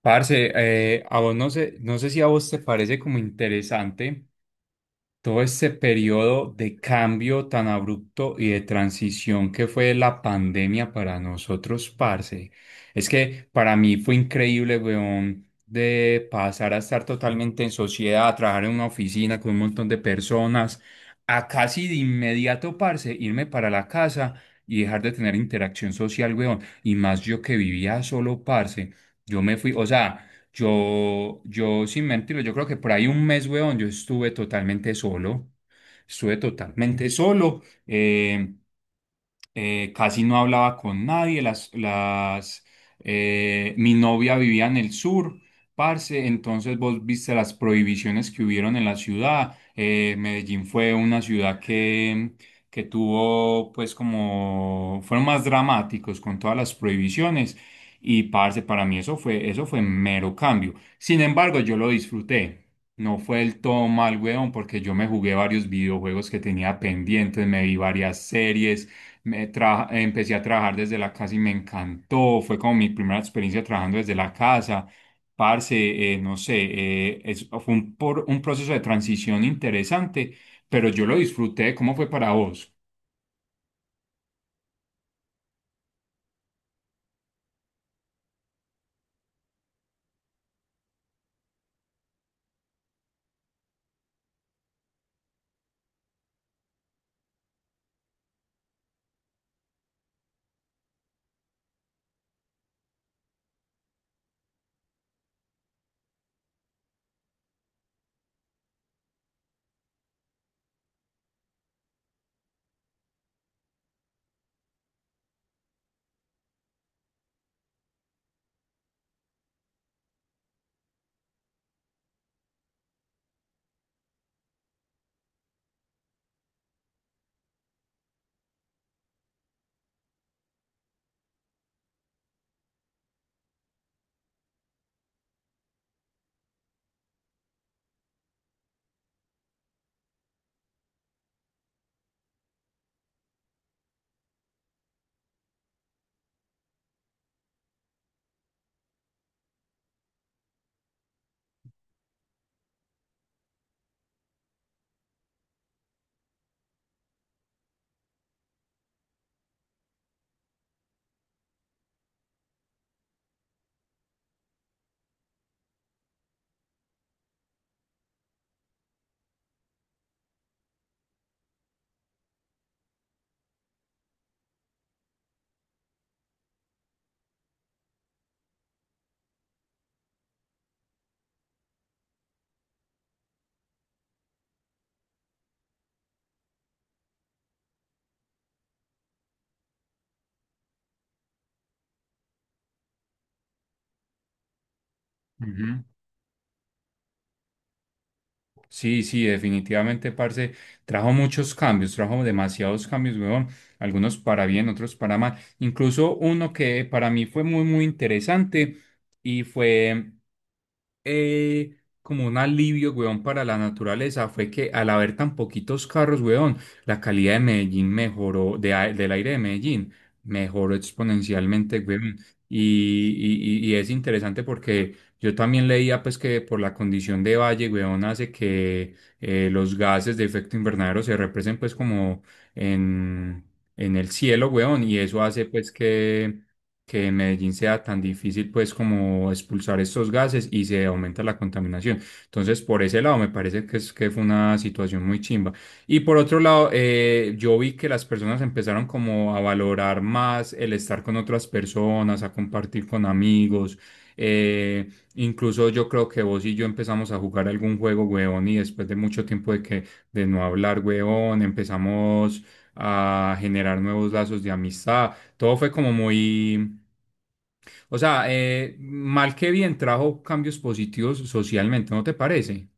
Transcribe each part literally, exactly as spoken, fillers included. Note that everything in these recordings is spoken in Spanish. Parce, eh, a vos no sé, no sé si a vos te parece como interesante todo este periodo de cambio tan abrupto y de transición que fue la pandemia para nosotros, parce. Es que para mí fue increíble, weón, de pasar a estar totalmente en sociedad, a trabajar en una oficina con un montón de personas, a casi de inmediato, parce, irme para la casa y dejar de tener interacción social, weón. Y más yo que vivía solo, parce. Yo me fui, o sea. Yo, yo, sin mentirlo, yo creo que por ahí un mes, weón, yo estuve totalmente solo. Estuve totalmente solo. Eh, eh, casi no hablaba con nadie, las, las, eh, mi novia vivía en el sur, parce, entonces vos viste las prohibiciones que hubieron en la ciudad. eh, Medellín fue una ciudad que, que tuvo pues como, fueron más dramáticos con todas las prohibiciones. Y parce, para mí eso fue, eso fue mero cambio, sin embargo yo lo disfruté. No fue el todo mal, weón, porque yo me jugué varios videojuegos que tenía pendientes, me vi varias series, me tra- empecé a trabajar desde la casa y me encantó. Fue como mi primera experiencia trabajando desde la casa. Parce, eh, no sé, eh, es- fue un, por- un proceso de transición interesante, pero yo lo disfruté. ¿Cómo fue para vos? Ujú. Sí, sí, definitivamente, parce, trajo muchos cambios, trajo demasiados cambios, weón. Algunos para bien, otros para mal. Incluso uno que para mí fue muy, muy interesante y fue eh, como un alivio, weón, para la naturaleza fue que al haber tan poquitos carros, weón, la calidad de Medellín mejoró, de a- del aire de Medellín mejoró exponencialmente, weón. Y, y- y- y es interesante porque yo también leía pues que por la condición de valle, weón, hace que eh, los gases de efecto invernadero se represen pues como en, en el cielo, weón, y eso hace pues que que en Medellín sea tan difícil pues como expulsar estos gases y se aumenta la contaminación. Entonces, por ese lado, me parece que, es, que fue una situación muy chimba. Y por otro lado, eh, yo vi que las personas empezaron como a valorar más el estar con otras personas, a compartir con amigos. Eh, incluso yo creo que vos y yo empezamos a jugar algún juego, huevón, y después de mucho tiempo de que de no hablar, huevón, empezamos a generar nuevos lazos de amistad todo fue como muy, o sea, eh, mal que bien trajo cambios positivos socialmente, ¿no te parece?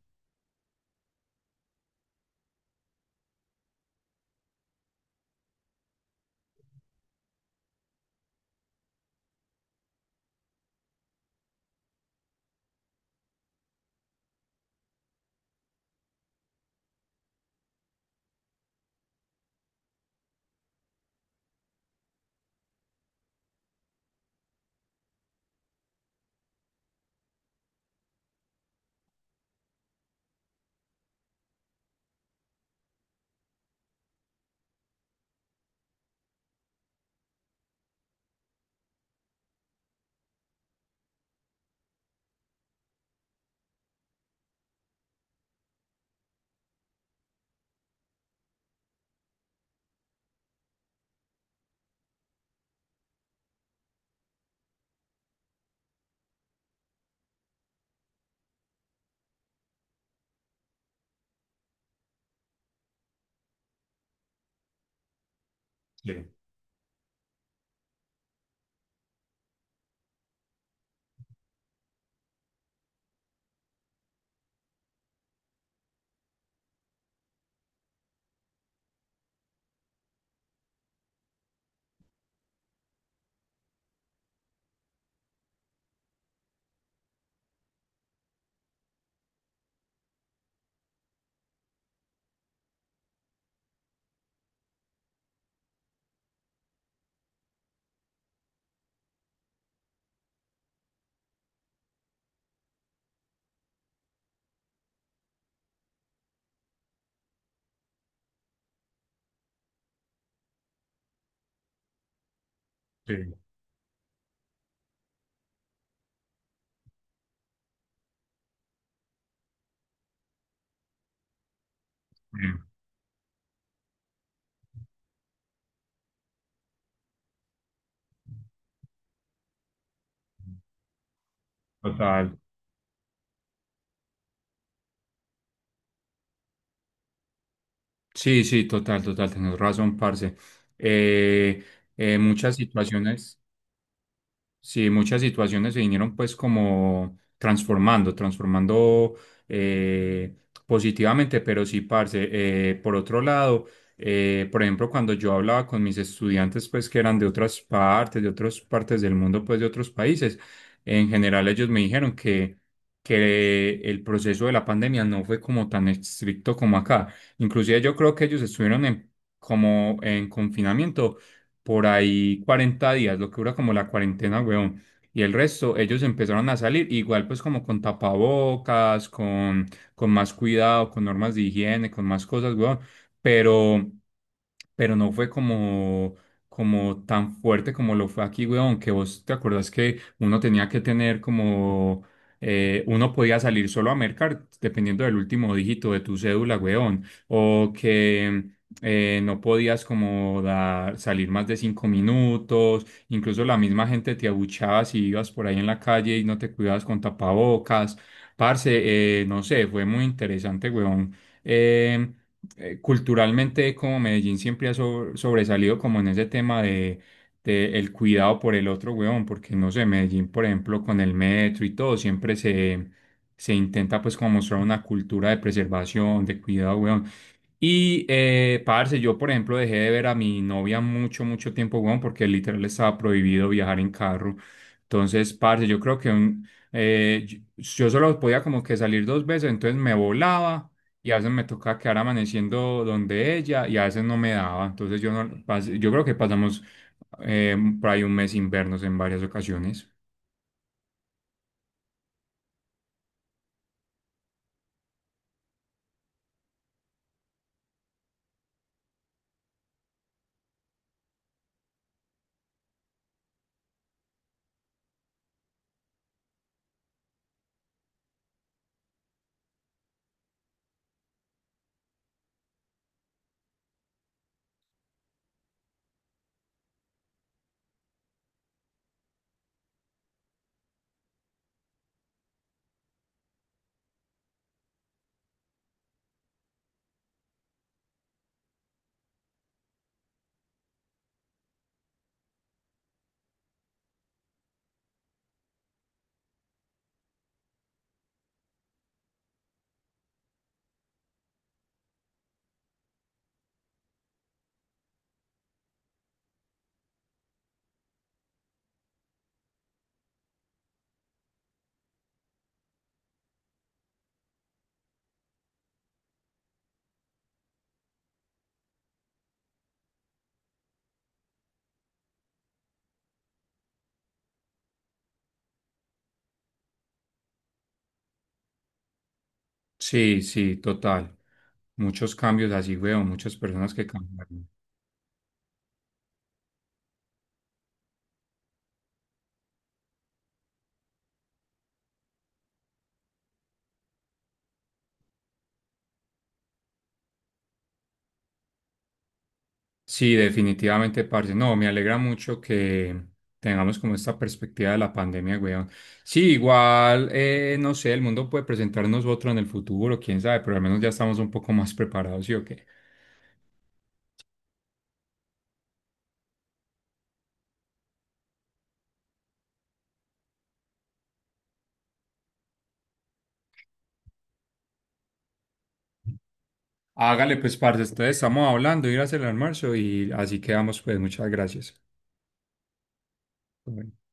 Sí, sí, total. Sí, sí, total, total, tenés razón, parce. Eh, eh, Muchas situaciones. Sí, muchas situaciones se vinieron pues como transformando, transformando eh, positivamente, pero sí, parce, eh, por otro lado, eh, por ejemplo, cuando yo hablaba con mis estudiantes pues que eran de otras partes, de otras partes del mundo, pues de otros países, en general ellos me dijeron que, que el proceso de la pandemia no fue como tan estricto como acá. Inclusive yo creo que ellos estuvieron en, como en confinamiento por ahí cuarenta días, lo que dura como la cuarentena, weón. Y el resto, ellos empezaron a salir, igual pues como con tapabocas, con, con más cuidado, con normas de higiene, con más cosas, weón. Pero, pero no fue como, como, tan fuerte como lo fue aquí, weón, que vos te acordás que uno tenía que tener como. Eh, uno podía salir solo a mercar dependiendo del último dígito de tu cédula, weón. O que eh, no podías como dar, salir más de cinco minutos, incluso la misma gente te abuchaba si ibas por ahí en la calle y no te cuidabas con tapabocas. Parce, eh, no sé, fue muy interesante, weón. Eh, eh, Culturalmente, como Medellín siempre ha so- sobresalido como en ese tema de, de el cuidado por el otro, weón, porque no sé, Medellín, por ejemplo, con el metro y todo, siempre se, se intenta pues como mostrar una cultura de preservación, de cuidado, weón. Y, eh, parce, yo, por ejemplo, dejé de ver a mi novia mucho, mucho tiempo, weón, porque literal estaba prohibido viajar en carro. Entonces, parce, yo creo que un, eh, yo yo solo podía como que salir dos veces, entonces me volaba y a veces me tocaba quedar amaneciendo donde ella y a veces no me daba. Entonces, yo, no, pas- yo creo que pasamos eh, por ahí un mes sin vernos en varias ocasiones. Sí, sí, total. Muchos cambios así, weón, muchas personas que cambian. Sí, definitivamente, parce. No, me alegra mucho que tengamos como esta perspectiva de la pandemia, weón. Sí, igual, eh, no sé, el mundo puede presentarnos otro en el futuro, quién sabe, pero al menos ya estamos un poco más preparados, ¿sí o qué? Hágale, pues, parce, entonces estamos hablando, ir a hacer el almuerzo y así quedamos, pues, muchas gracias. Bueno.